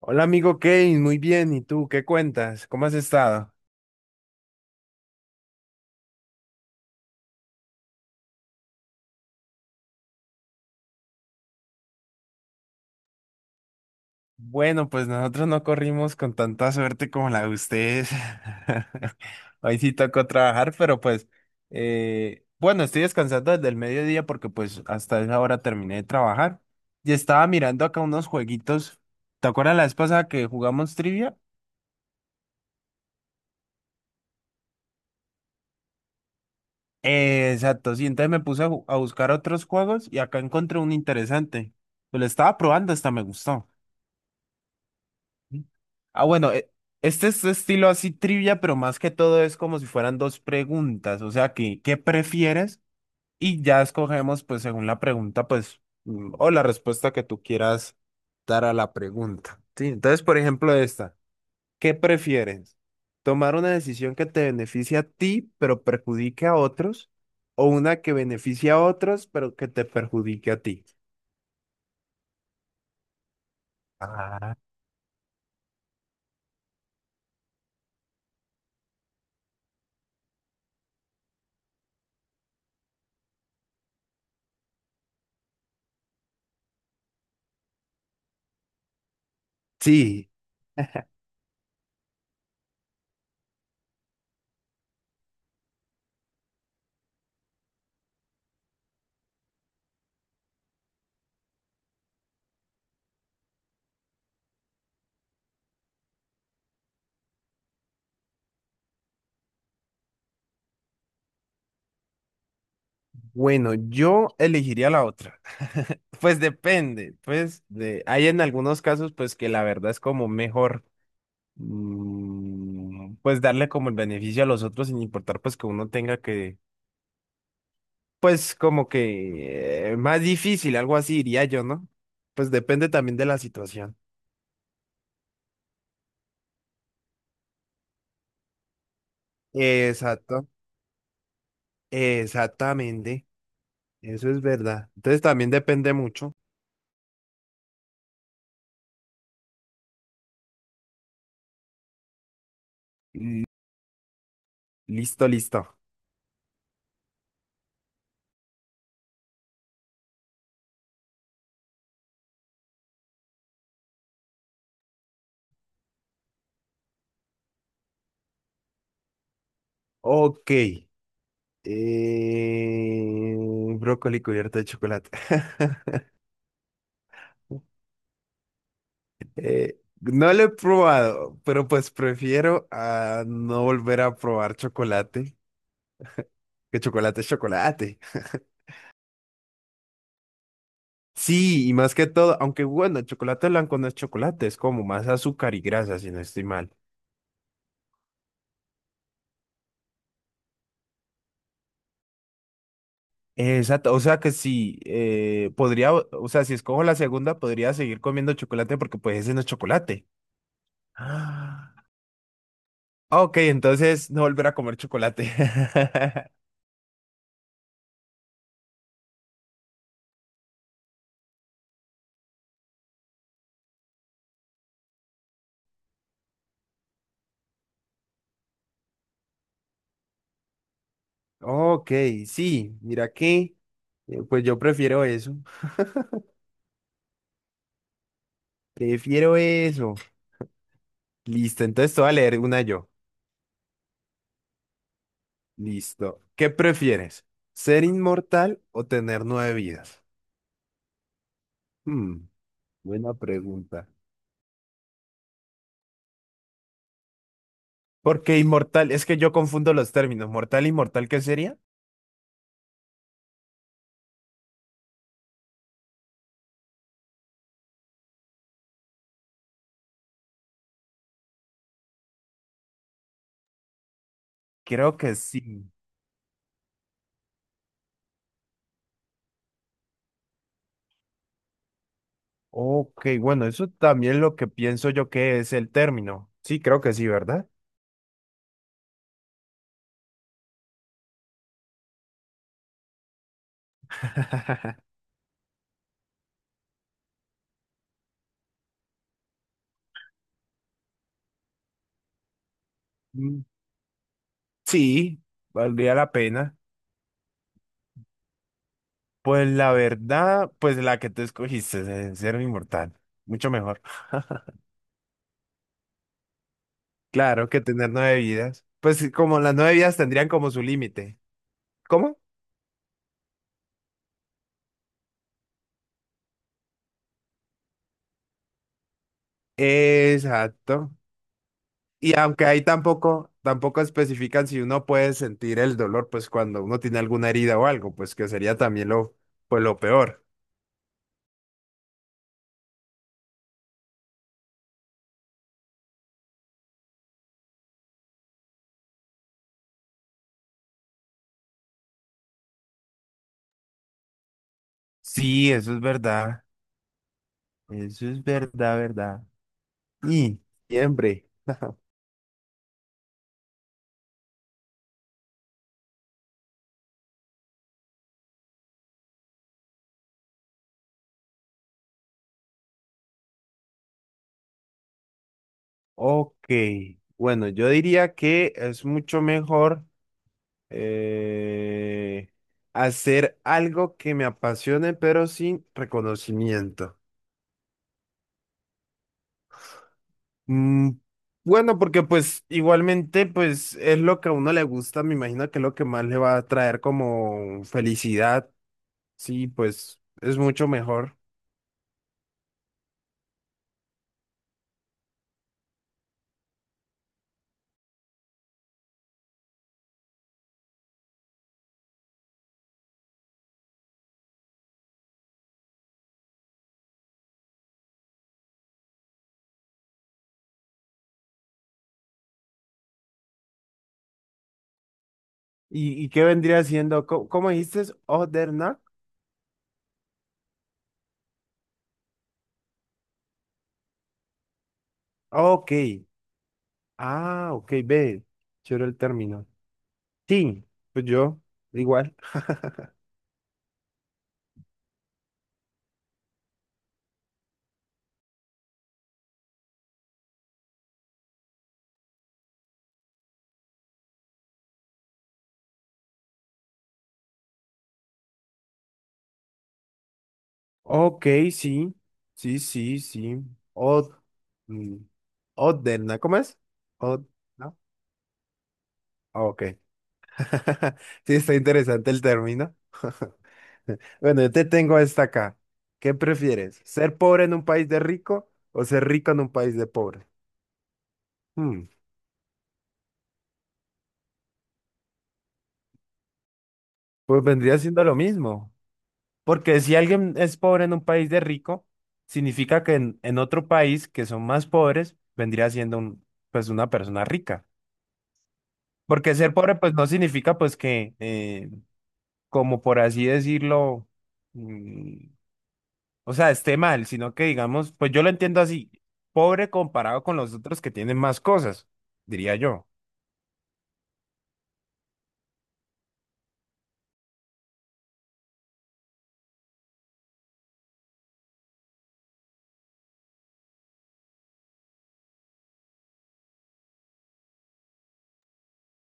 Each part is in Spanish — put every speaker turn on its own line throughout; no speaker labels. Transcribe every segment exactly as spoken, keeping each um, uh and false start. Hola amigo Kevin, muy bien. ¿Y tú qué cuentas? ¿Cómo has estado? Bueno, pues nosotros no corrimos con tanta suerte como la de ustedes. Hoy sí tocó trabajar, pero pues eh, bueno, estoy descansando desde el mediodía porque pues hasta esa hora terminé de trabajar y estaba mirando acá unos jueguitos. ¿Te acuerdas la vez pasada que jugamos trivia? Eh, exacto, sí, entonces me puse a, ju- a buscar otros juegos y acá encontré un interesante. Pues lo estaba probando, hasta me gustó. Ah, bueno, e- este es estilo así trivia, pero más que todo es como si fueran dos preguntas, o sea, que, ¿qué prefieres? Y ya escogemos, pues, según la pregunta, pues, mm, o la respuesta que tú quieras dar a la pregunta. Sí, entonces, por ejemplo, esta, ¿qué prefieres? ¿Tomar una decisión que te beneficie a ti, pero perjudique a otros? ¿O una que beneficie a otros, pero que te perjudique a ti? Ah, sí. Bueno, yo elegiría la otra. Pues depende, pues de, hay en algunos casos pues que la verdad es como mejor mm, pues darle como el beneficio a los otros sin importar pues que uno tenga que pues como que eh, más difícil, algo así diría yo, ¿no? Pues depende también de la situación. Exacto, exactamente, eso es verdad. Entonces también depende mucho. L- Listo, listo. Ok. Eh, brócoli cubierto de chocolate. Eh, no lo he probado, pero pues prefiero a no volver a probar chocolate, que chocolate es chocolate. Sí, y más que todo, aunque bueno, el chocolate blanco no es chocolate, es como más azúcar y grasa, si no estoy mal. Exacto, o sea que sí, eh, podría, o o sea, si escojo la segunda, podría seguir comiendo chocolate porque pues ese no es chocolate. Ah, ok, entonces no volver a comer chocolate. Ok, sí, mira que, eh, pues yo prefiero eso, prefiero eso. Listo, entonces te voy a leer una yo. Listo. ¿Qué prefieres? ¿Ser inmortal o tener nueve vidas? Hmm, buena pregunta. Porque inmortal, es que yo confundo los términos. ¿Mortal, e inmortal qué sería? Creo que sí. Ok, bueno, eso también es lo que pienso yo que es el término. Sí, creo que sí, ¿verdad? Mm, sí, valdría la pena. Pues la verdad, pues la que tú escogiste, de ser un inmortal, mucho mejor. Claro que tener nueve vidas. Pues sí, como las nueve vidas tendrían como su límite. ¿Cómo? Exacto. Y aunque ahí tampoco, tampoco especifican si uno puede sentir el dolor, pues cuando uno tiene alguna herida o algo, pues que sería también lo, pues lo peor. Sí, eso es verdad. Eso es verdad, verdad. Y siempre. Ok. Bueno, yo diría que es mucho mejor. Eh, hacer algo que me apasione, pero sin reconocimiento. Mm, bueno, porque pues igualmente pues es lo que a uno le gusta, me imagino que es lo que más le va a traer como felicidad. Sí, pues es mucho mejor. ¿Y, y qué vendría siendo? ¿Cómo, cómo dijiste? Other not? Ok. Ah, ok, ve. Chévere el término. Sí, pues yo, igual. Ok, sí, sí, sí, sí. Od, mm, Odena, ¿cómo es? Od, ¿no? Ah, ok. Sí, está interesante el término. Bueno, yo te tengo esta acá. ¿Qué prefieres? ¿Ser pobre en un país de rico o ser rico en un país de pobre? Hmm, pues vendría siendo lo mismo. Porque si alguien es pobre en un país de rico, significa que en, en otro país que son más pobres, vendría siendo un, pues una persona rica. Porque ser pobre pues no significa pues que, eh, como por así decirlo, mm, o sea, esté mal, sino que digamos, pues yo lo entiendo así, pobre comparado con los otros que tienen más cosas, diría yo.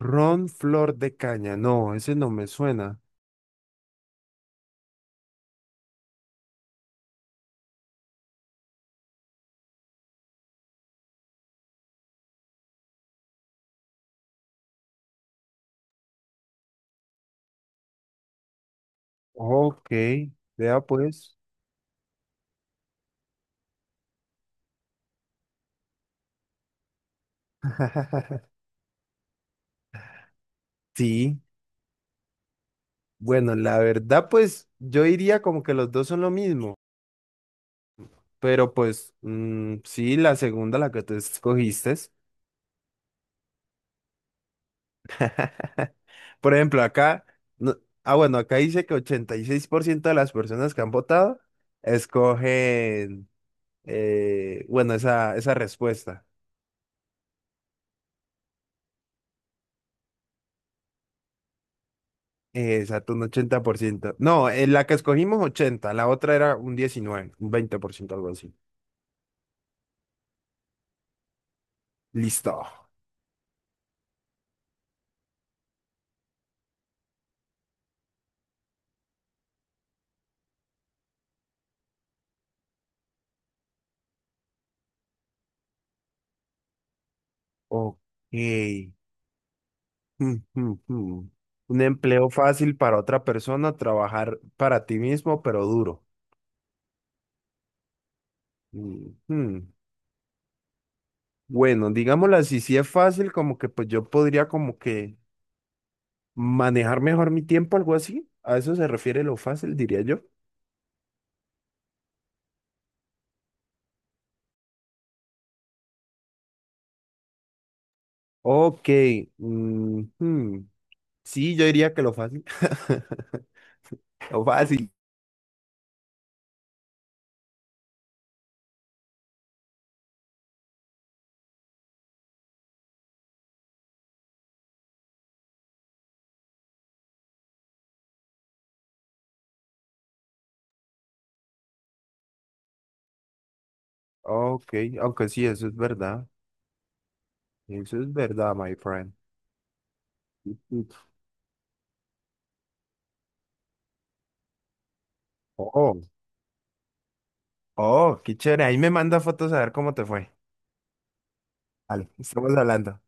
Ron Flor de Caña, no, ese no me suena. Ok, vea pues. Sí, bueno, la verdad pues yo diría como que los dos son lo mismo, pero pues mm, sí, la segunda, la que tú escogiste. Por ejemplo, acá, no- ah, bueno, acá dice que ochenta y seis por ciento de las personas que han votado escogen, eh, bueno, esa, esa respuesta. Eh, Exacto, un ochenta por ciento. No, en la que escogimos ochenta, la otra era un diecinueve, un veinte por ciento, algo así. Listo. Ok. Hmm, hmm, hmm. Un empleo fácil para otra persona, trabajar para ti mismo, pero duro. Mm, hmm. Bueno, digámoslo así, si es fácil, como que pues yo podría como que manejar mejor mi tiempo, algo así. A eso se refiere lo fácil, diría yo. Ok, mm, hmm, sí, yo diría que lo fácil. Lo fácil. Ok, aunque sí, eso es verdad. Eso es verdad, my friend. Mm. Oh, oh, qué chévere. Ahí me manda fotos a ver cómo te fue. Vale, estamos hablando.